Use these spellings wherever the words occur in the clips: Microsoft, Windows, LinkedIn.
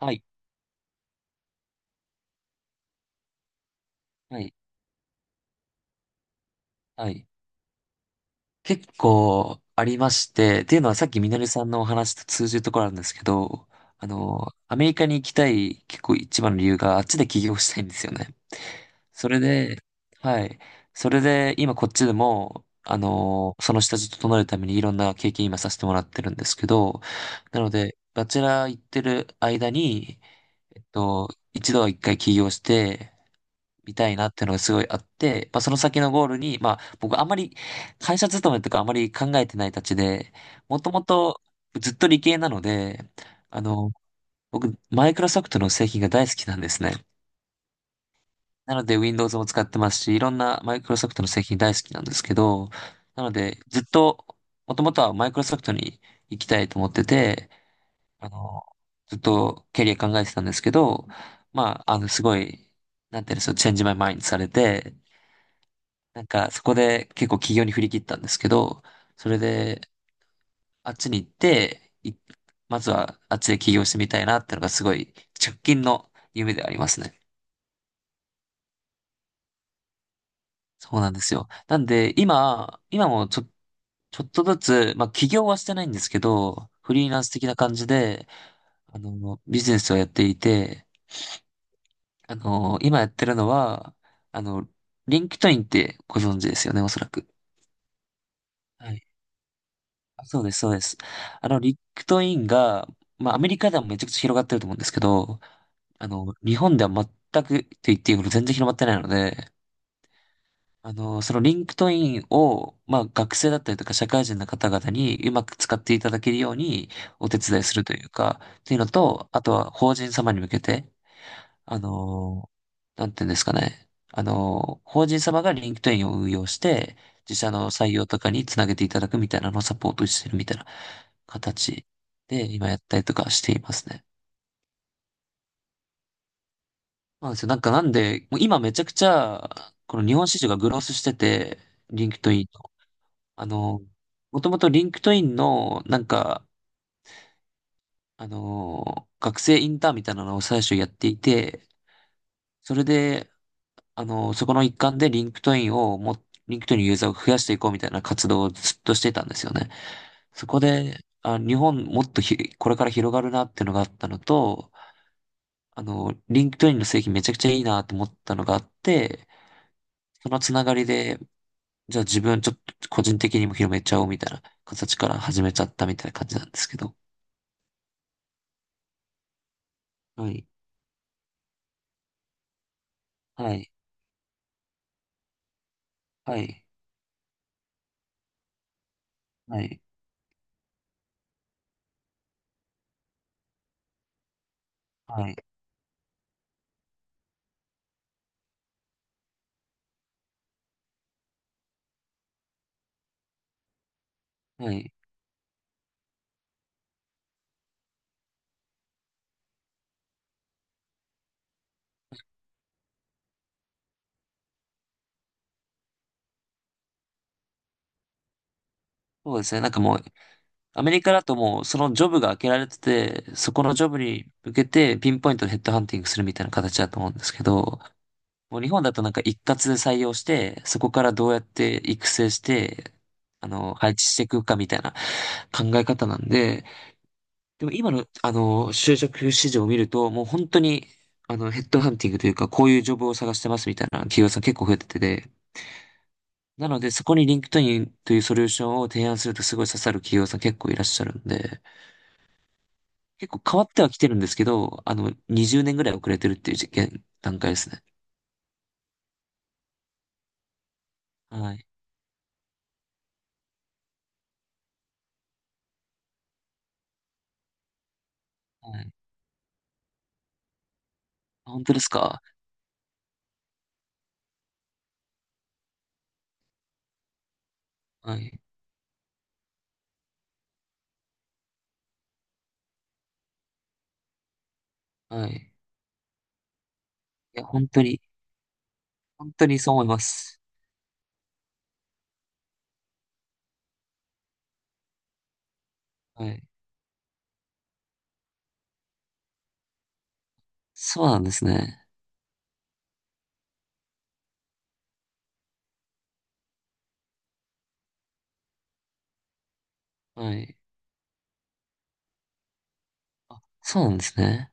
はい、はい、はい。結構ありまして、っていうのはさっきみのりさんのお話と通じるところあるんですけど、アメリカに行きたい結構一番の理由があっちで起業したいんですよね。それで、はい。それで今こっちでも、その下地整えるためにいろんな経験今させてもらってるんですけど、なので、バチェラー行ってる間に、えっと、一度は一回起業して、みたいなっていうのがすごいあって、まあ、その先のゴールに、まあ、僕あんまり会社勤めとかあんまり考えてないたちで、もともとずっと理系なので、あの、僕、マイクロソフトの製品が大好きなんですね。なので、Windows も使ってますし、いろんなマイクロソフトの製品大好きなんですけど、なので、ずっと、もともとはマイクロソフトに行きたいと思ってて、あの、ずっとキャリア考えてたんですけど、まあ、すごい、なんていうんですか、チェンジマイマインドされて、なんか、そこで結構起業に振り切ったんですけど、それで、あっちに行って、まずはあっちで起業してみたいなってのがすごい直近の夢ではありますね。そうなんですよ。なんで、今もちょ、ちょっとずつ、まあ、起業はしてないんですけど、フリーランス的な感じで、ビジネスをやっていて、今やってるのは、あの、リンクトインってご存知ですよね、おそらく。はい、そうです、そうです。リクトインが、まあ、アメリカではめちゃくちゃ広がってると思うんですけど、日本では全くと言っていいほど全然広まってないので、そのリンクトインを、まあ、学生だったりとか社会人の方々にうまく使っていただけるようにお手伝いするというか、というのと、あとは法人様に向けて、あのなんていうんですかね。法人様がリンクトインを運用して、自社の採用とかにつなげていただくみたいなのをサポートしてるみたいな形で今やったりとかしていますね。そうなんですよ。なんで、もう今めちゃくちゃ、この日本市場がグロースしてて、リンクトインの。あのもともとリンクトインの、なんか、あの学生インターンみたいなのを最初やっていて、それで、そこの一環でリンクトインのユーザーを増やしていこうみたいな活動をずっとしてたんですよね。そこで、あ、日本もっとひ、これから広がるなっていうのがあったのと、リンクトインの製品めちゃくちゃいいなと思ったのがあって、そのつながりで、じゃあ自分ちょっと個人的にも広めちゃおうみたいな形から始めちゃったみたいな感じなんですけど。はい。はい。はい。はい。はい。はい。そうですね。なんかもうアメリカだともうそのジョブが開けられてて、そこのジョブに向けてピンポイントでヘッドハンティングするみたいな形だと思うんですけど、もう日本だとなんか一括で採用して、そこからどうやって育成して、配置していくかみたいな考え方なんで、でも今の就職市場を見ると、もう本当にヘッドハンティングというか、こういうジョブを探してますみたいな企業さん結構増えててで、なのでそこに LinkedIn というソリューションを提案するとすごい刺さる企業さん結構いらっしゃるんで、結構変わっては来てるんですけど、あの、20年ぐらい遅れてるっていう現段階ですね。はい。はい。あ、本当ですか。はい。はい。いや、本当に、本当にそう思います。はい。そうなんですね。はい。そうなんですね。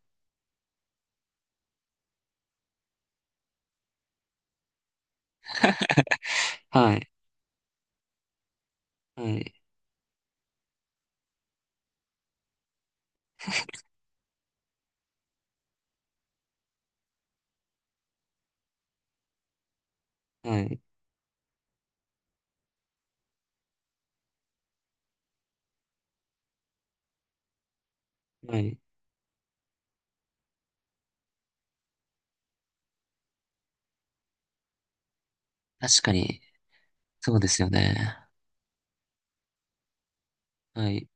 はい。はい。はい。はい。確かに、そうですよね。はい。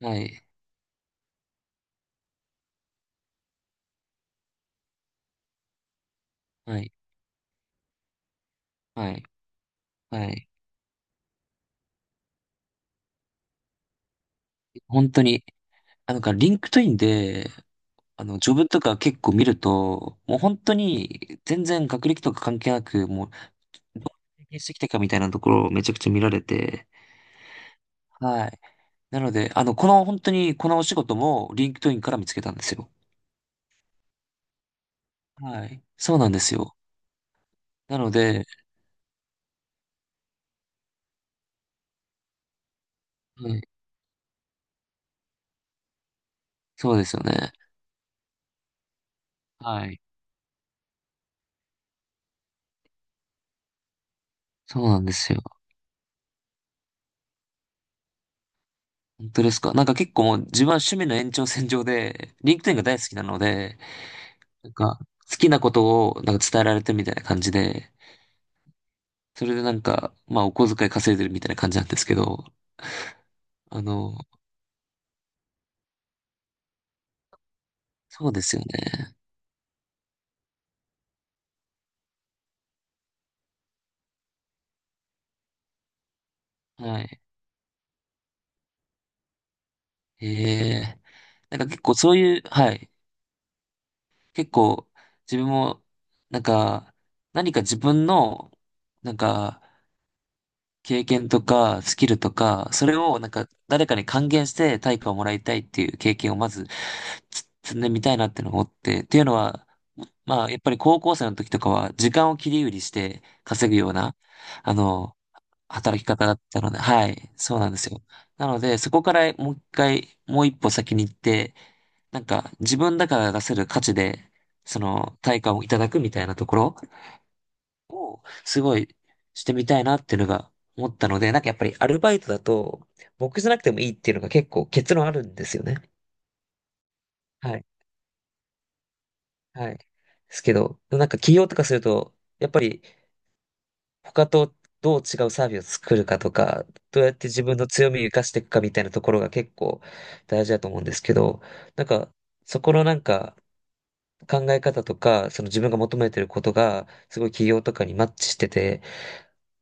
はい。はい。はい。はい。本当に、あ、なんか、リンクトインで、ジョブとか結構見ると、もう本当に、全然学歴とか関係なく、もう経験してきたかみたいなところをめちゃくちゃ見られて、はい。なので、この本当にこのお仕事もリンクトインから見つけたんですよ。はい。そうなんですよ。なので、はい。そうですよね。はい。そうなんですよ。本当ですか。なんか結構もう自分は趣味の延長線上で、リンクトインが大好きなので、なんか好きなことをなんか伝えられてるみたいな感じで、それでなんか、まあお小遣い稼いでるみたいな感じなんですけど、あの、そうですよね。はい。へえ。なんか結構そういう、はい。結構自分も、なんか、何か自分の、なんか、経験とか、スキルとか、それをなんか、誰かに還元して対価をもらいたいっていう経験をまず、つ積んでみたいなってのを思って、っていうのは、まあ、やっぱり高校生の時とかは、時間を切り売りして稼ぐような、あの、働き方だったので、はい、そうなんですよ。なので、そこからもう一回、もう一歩先に行って、なんか自分だから出せる価値で、その対価をいただくみたいなところ、すごいしてみたいなっていうのが思ったので、なんかやっぱりアルバイトだと、僕じゃなくてもいいっていうのが結構結論あるんですよね。はい。はい。ですけど、なんか起業とかすると、やっぱり他とどう違うサービスを作るかとか、どうやって自分の強みを生かしていくかみたいなところが結構大事だと思うんですけど、なんかそこのなんか、考え方とか、その自分が求めてることが、すごい企業とかにマッチしてて、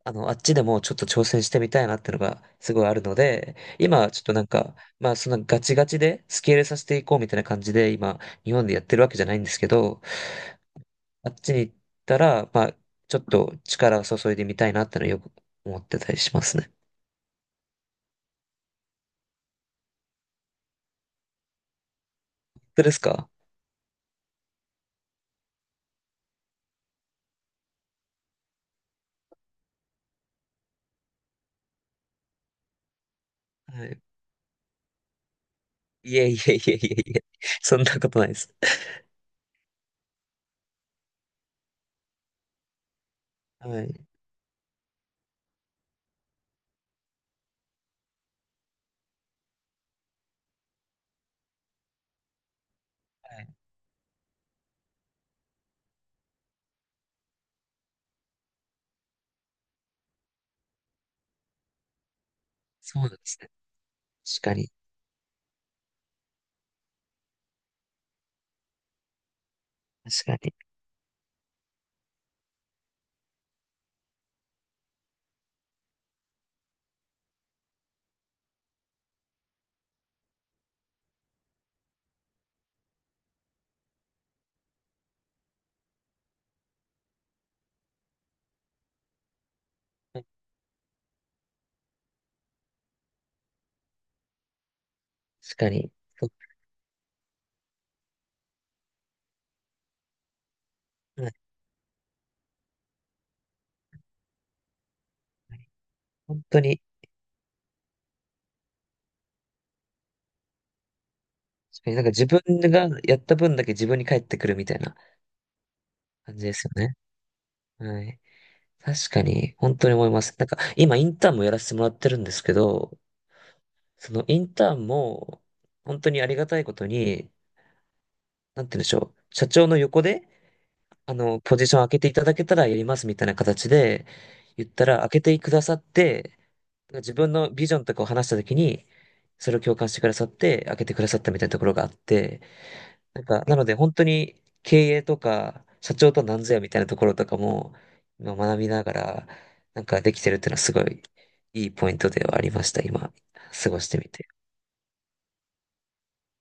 あっちでもちょっと挑戦してみたいなってのがすごいあるので、今ちょっとなんか、まあそんなガチガチでスケールさせていこうみたいな感じで、今、日本でやってるわけじゃないんですけど、あっちに行ったら、まあ、ちょっと力を注いでみたいなってのはよく思ってたりしますね。本当ですか。はい。いえいえいえいえいえ。そんなことないです。はい。はい。そうなんですね。確かに。確かに。確かに。そ本当に、確かになんか自分がやった分だけ自分に返ってくるみたいな感じですよね。はい。確かに、本当に思います。なんか、今インターンもやらせてもらってるんですけど、そのインターンも、本当にありがたいことに、なんて言うんでしょう。社長の横で、ポジション開けていただけたらやりますみたいな形で、言ったら開けてくださって、自分のビジョンとかを話したときに、それを共感してくださって、開けてくださったみたいなところがあって、なんか、なので本当に経営とか、社長とは何ぞやみたいなところとかも、今学びながら、なんかできてるっていうのはすごいいいポイントではありました、今、過ごしてみて。